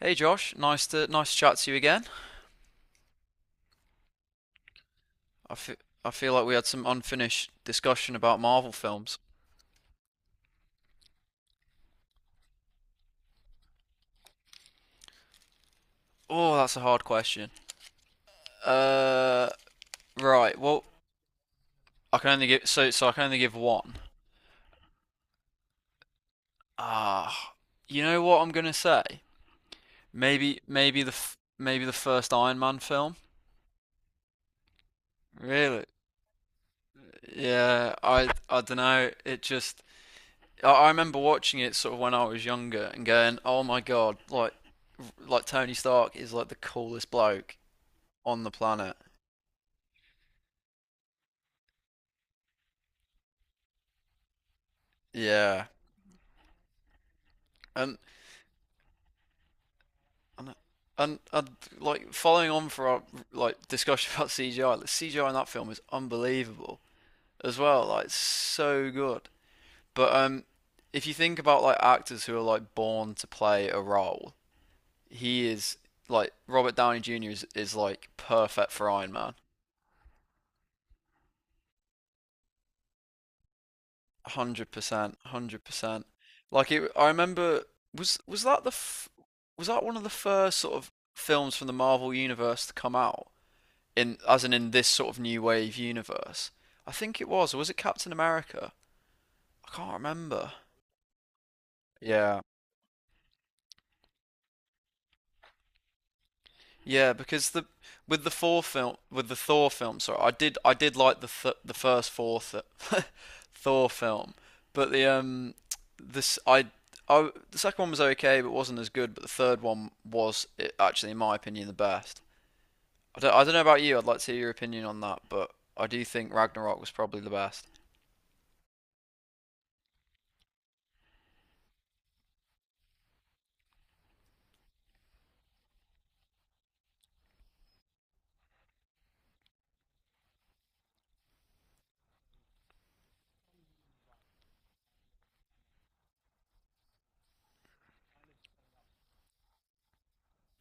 Hey Josh, nice to chat to you again. I fe- I feel like we had some unfinished discussion about Marvel films. Oh, that's a hard question. Uh, right. Well, I can only give one. Ah, you know what I'm gonna say? Maybe the first Iron Man film. Really? Yeah. I don't know. It just I remember watching it sort of when I was younger and going, oh my god, like Tony Stark is like the coolest bloke on the planet. Yeah, and and and like, following on for our like discussion about CGI, the CGI in that film is unbelievable as well. Like, it's so good. But if you think about like actors who are like born to play a role, he is like Robert Downey Jr. is like perfect for Iron Man. 100%, 100%. Like it, I remember was was that the f- was that one of the first sort of films from the Marvel universe to come out, in as in this sort of new wave universe? I think it was, or was it Captain America? I can't remember. Yeah. Yeah, because the with the Thor film with the Thor film, sorry, I did like the first Thor th Thor film, but the this I the second one was okay, but wasn't as good. But the third one was I actually, in my opinion, the best. I don't know about you. I'd like to hear your opinion on that, but I do think Ragnarok was probably the best.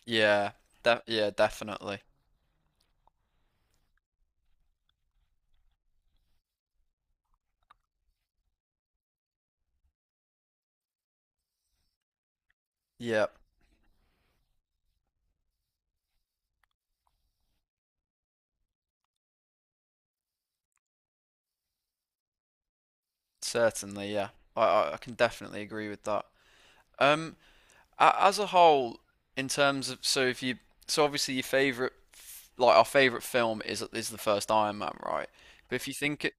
Yeah, yeah, definitely. Yeah, certainly. Yeah, I can definitely agree with that. Um, as a whole, in terms of, so if you so obviously your favorite like our favorite film is the first Iron Man, right? But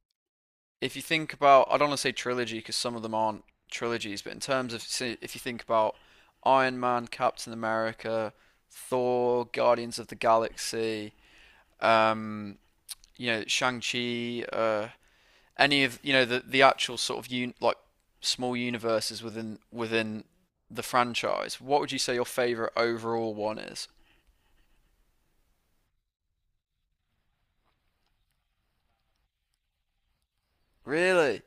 if you think about, I don't want to say trilogy because some of them aren't trilogies, but in terms of, say, if you think about Iron Man, Captain America, Thor, Guardians of the Galaxy, um, Shang-Chi, any of the actual sort of like, small universes within the franchise, what would you say your favorite overall one is? Really?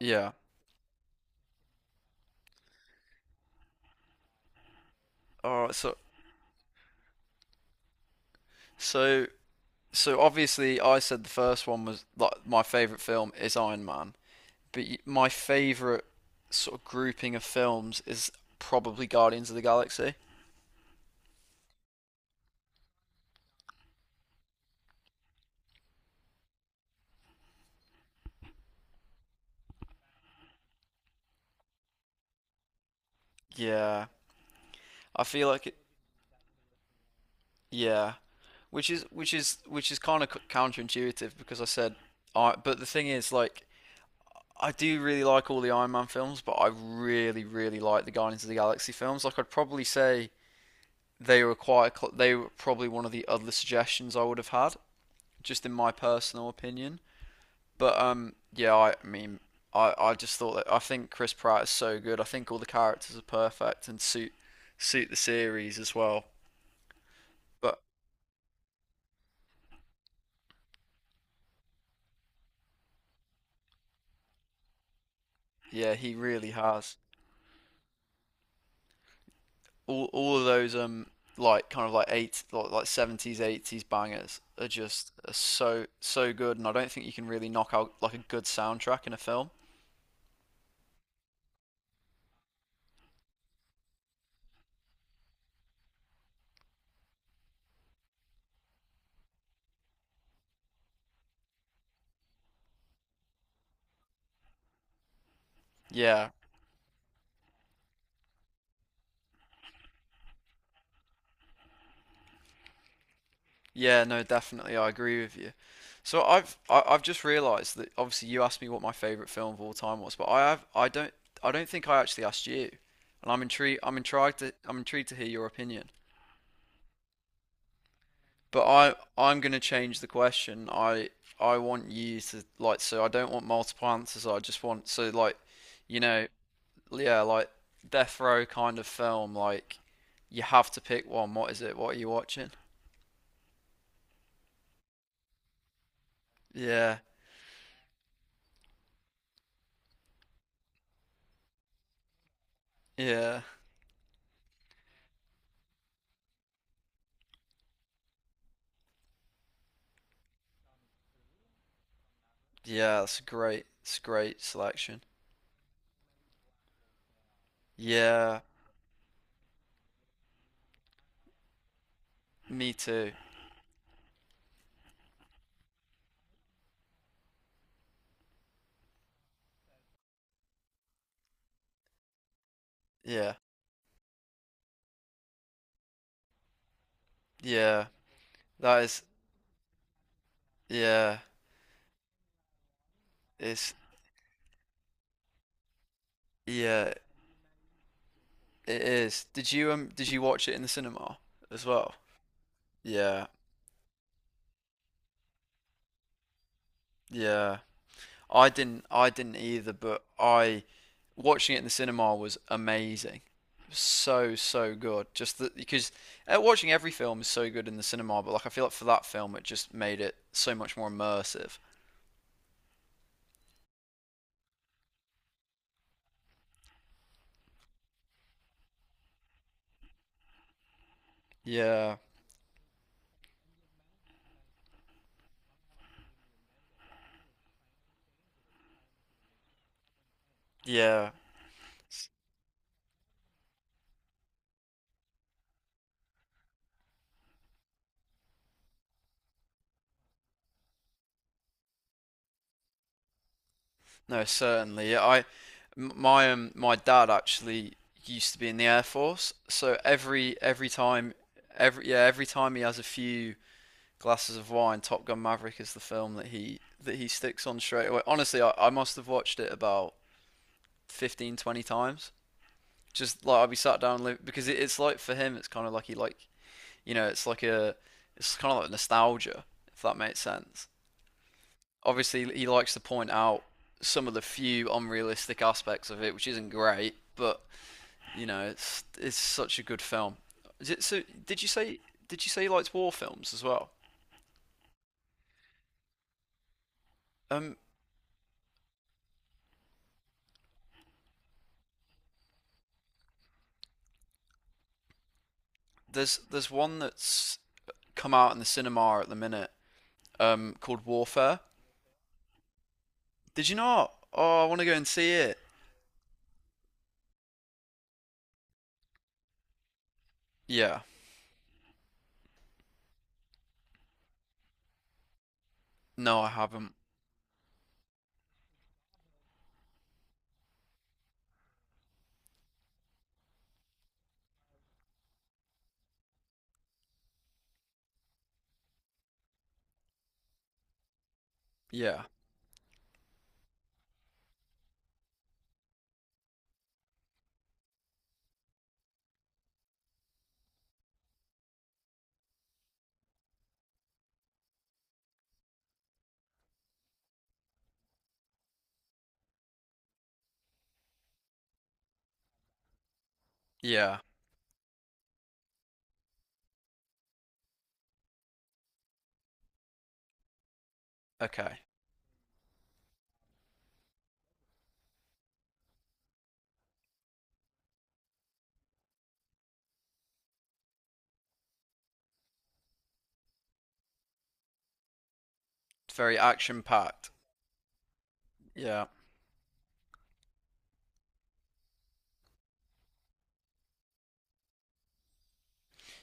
Yeah. All right. So so obviously I said the first one was like my favorite film is Iron Man, but my favorite sort of grouping of films is probably Guardians of the Galaxy. Yeah. I feel like it, yeah, Which is kind of counterintuitive, because I said I but the thing is, like, I do really like all the Iron Man films, but I really, really like the Guardians of the Galaxy films. Like, I'd probably say they were probably one of the other suggestions I would have had, just in my personal opinion. But yeah, I mean, I just thought that I think Chris Pratt is so good. I think all the characters are perfect and suit the series as well. But yeah, he really has. All of those like, kind of like, eight like 70s 80s bangers are so good, and I don't think you can really knock out like a good soundtrack in a film. Yeah, yeah, no, definitely, I agree with you. So I've just realised that obviously you asked me what my favourite film of all time was, but I don't think I actually asked you, and I'm intrigued to hear your opinion. But I'm gonna change the question. I want you to like so I don't want multiple answers. I just want so Like, you know yeah, like death row kind of film, like you have to pick one. What is it? What are you watching? Yeah, yeah, yeah. That's a great. It's a great selection. Yeah, me too. Yeah, yeah. That is, yeah. It's, yeah. It is. Did you watch it in the cinema as well? Yeah, yeah. I didn't. I didn't either. But I Watching it in the cinema was amazing. So, so good. Because watching every film is so good in the cinema, but like I feel like for that film, it just made it so much more immersive. Yeah. Yeah. No, certainly. Yeah, I m- my my dad actually used to be in the Air Force, so every time he has a few glasses of wine. Top Gun Maverick is the film that he sticks on straight away. Honestly, I must have watched it about 15 to 20 times. Just like I'll be sat down because it's like for him, it's kind of like he like you know, it's kind of like nostalgia, if that makes sense. Obviously, he likes to point out some of the few unrealistic aspects of it, which isn't great, but it's such a good film. Is it, so did you say Did you say he likes war films as well? Um, there's one that's come out in the cinema at the minute, called Warfare. Did you not? Oh, I want to go and see it. Yeah. No, I haven't. Yeah. Yeah. Okay. It's very action packed. Yeah.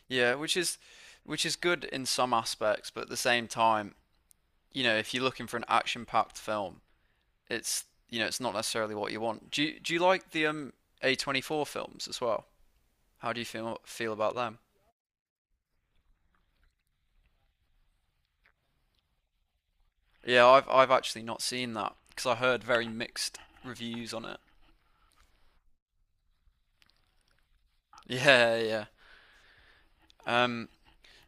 Yeah, which is good in some aspects, but at the same time, if you're looking for an action packed film, it's, it's not necessarily what you want. Do you like the A24 films as well? How do you feel about them? Yeah, I've actually not seen that because I heard very mixed reviews on it. Yeah, yeah. Um,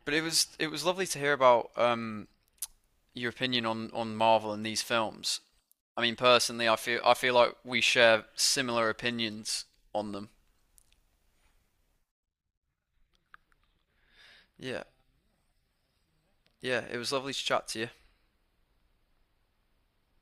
but it was lovely to hear about, your opinion on Marvel and these films. I mean, personally, I feel like we share similar opinions on them. Yeah, yeah. It was lovely to chat to you.